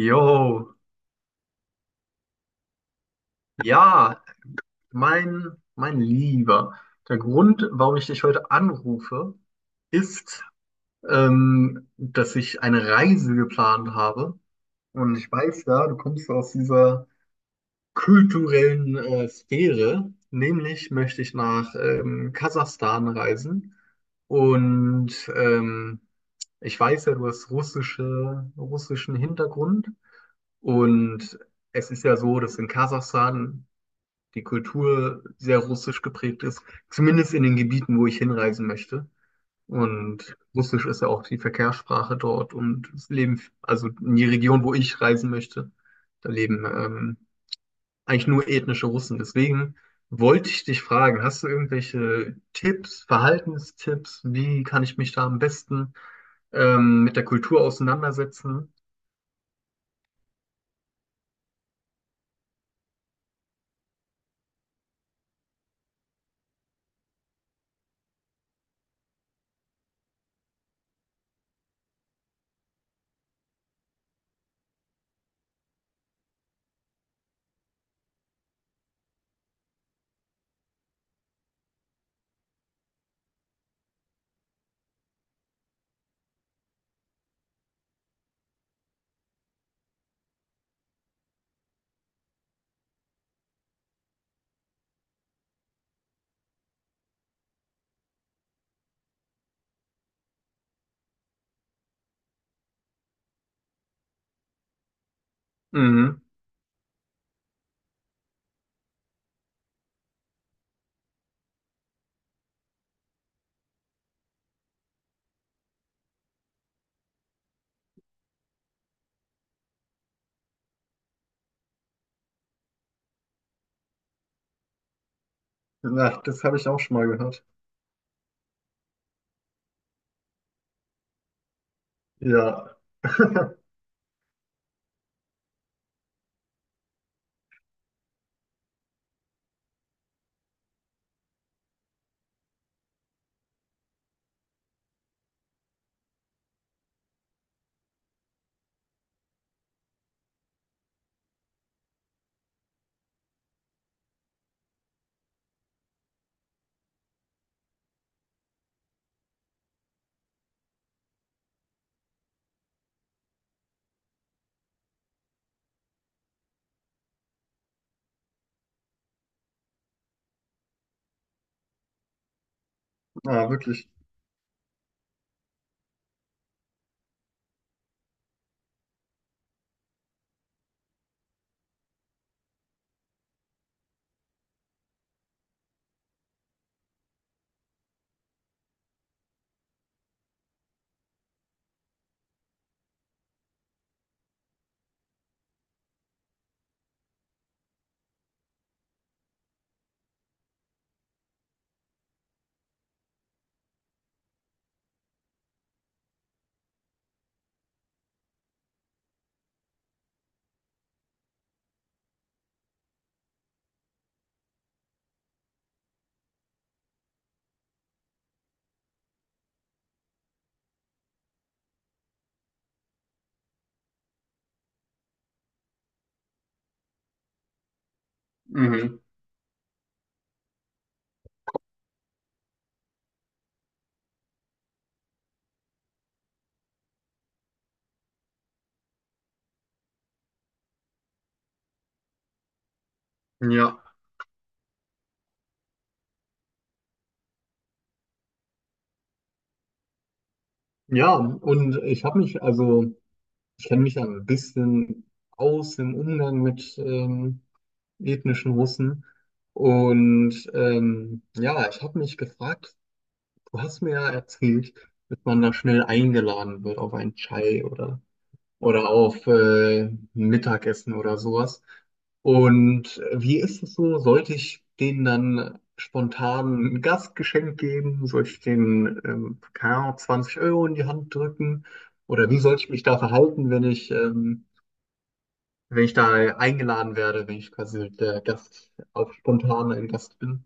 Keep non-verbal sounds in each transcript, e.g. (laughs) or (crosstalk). Jo, ja, mein Lieber, der Grund, warum ich dich heute anrufe, ist, dass ich eine Reise geplant habe. Und ich weiß ja, du kommst aus dieser kulturellen Sphäre. Nämlich möchte ich nach Kasachstan reisen. Und ich weiß ja, du hast russischen Hintergrund und es ist ja so, dass in Kasachstan die Kultur sehr russisch geprägt ist, zumindest in den Gebieten, wo ich hinreisen möchte. Und Russisch ist ja auch die Verkehrssprache dort und es leben, also in die Region, wo ich reisen möchte, da leben eigentlich nur ethnische Russen. Deswegen wollte ich dich fragen, hast du irgendwelche Tipps, Verhaltenstipps? Wie kann ich mich da am besten mit der Kultur auseinandersetzen? Mhm. Ja, das habe ich auch schon mal gehört. Ja. (laughs) Ah, wirklich. Mhm. Ja, ja, und ich habe mich, also ich kenne mich ja ein bisschen aus im Umgang mit ethnischen Russen. Und ja, ich habe mich gefragt, du hast mir ja erzählt, dass man da schnell eingeladen wird auf einen Chai oder auf Mittagessen oder sowas. Und wie ist es so? Sollte ich denen dann spontan ein Gastgeschenk geben? Soll ich denen, keine Ahnung, 20 € in die Hand drücken? Oder wie soll ich mich da verhalten, wenn ich, wenn ich da eingeladen werde, wenn ich quasi der Gast, auch spontan ein Gast bin?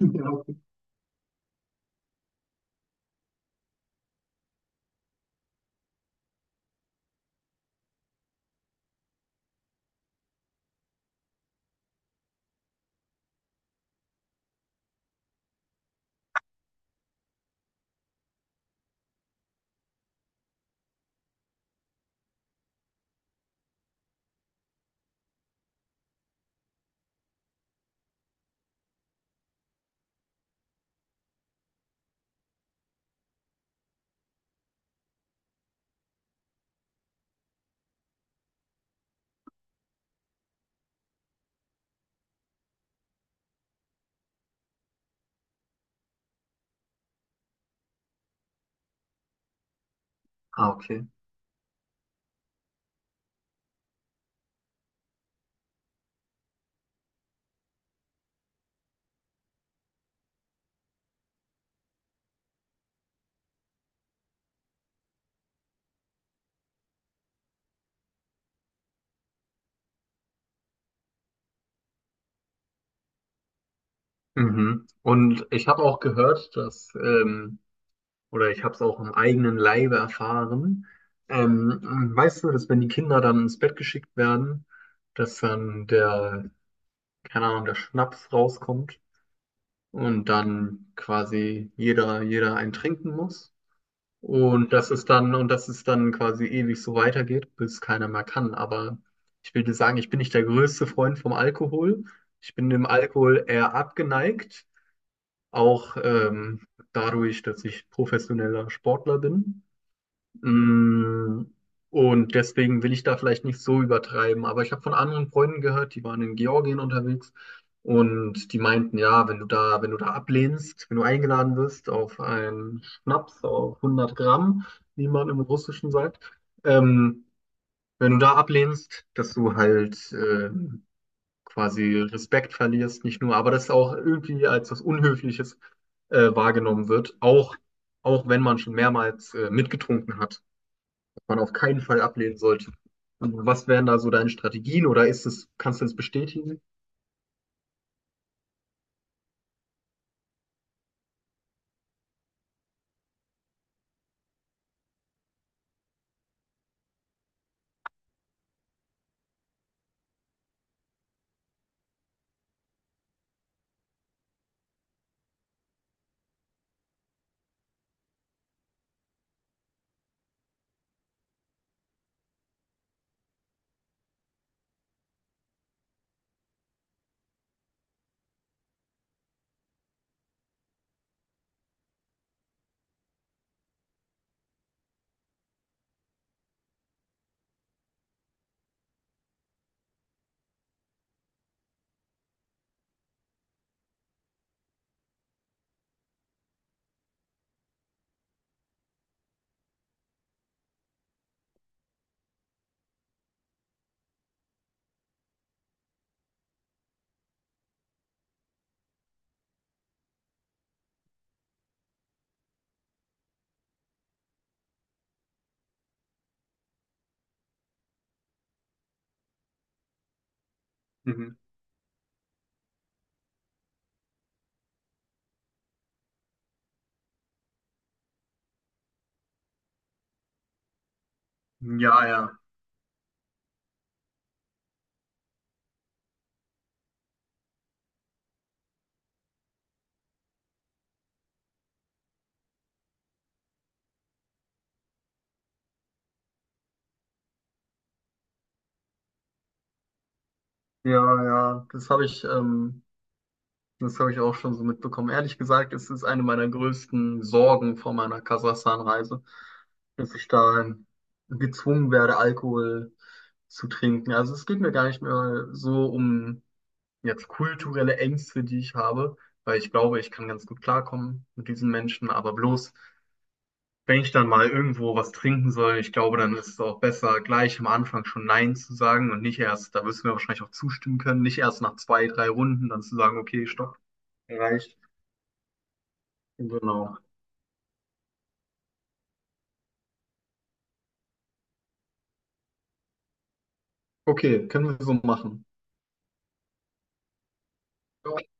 (laughs) Ja. Ah, okay. Mhm. Und ich habe auch gehört, dass oder ich habe es auch im eigenen Leibe erfahren. Ähm, Weißt du, dass wenn die Kinder dann ins Bett geschickt werden, dass dann der, keine Ahnung, der Schnaps rauskommt und dann quasi jeder einen trinken muss. Und dass es dann quasi ewig so weitergeht, bis keiner mehr kann. Aber ich will dir sagen, ich bin nicht der größte Freund vom Alkohol. Ich bin dem Alkohol eher abgeneigt, auch dadurch, dass ich professioneller Sportler bin. Mm, und deswegen will ich da vielleicht nicht so übertreiben. Aber ich habe von anderen Freunden gehört, die waren in Georgien unterwegs und die meinten, ja, wenn du da ablehnst, wenn du eingeladen wirst auf einen Schnaps auf 100 Gramm, wie man im Russischen sagt, ähm, wenn du da ablehnst, dass du halt quasi Respekt verlierst, nicht nur, aber das auch irgendwie als was Unhöfliches wahrgenommen wird, auch wenn man schon mehrmals mitgetrunken hat man auf keinen Fall ablehnen sollte. Und was wären da so deine Strategien oder ist es, kannst du es bestätigen? Mhm. Ja, ja. Ja, ja. Das habe ich auch schon so mitbekommen. Ehrlich gesagt, es ist eine meiner größten Sorgen vor meiner Kasachstan-Reise, dass ich da gezwungen werde, Alkohol zu trinken. Also es geht mir gar nicht mehr so um jetzt kulturelle Ängste, die ich habe, weil ich glaube, ich kann ganz gut klarkommen mit diesen Menschen, aber bloß wenn ich dann mal irgendwo was trinken soll, ich glaube, dann ist es auch besser, gleich am Anfang schon Nein zu sagen und nicht erst, da wirst du mir wahrscheinlich auch zustimmen können, nicht erst nach zwei, drei Runden dann zu sagen, okay, stopp, reicht. Genau. Okay, können wir so machen. Ja.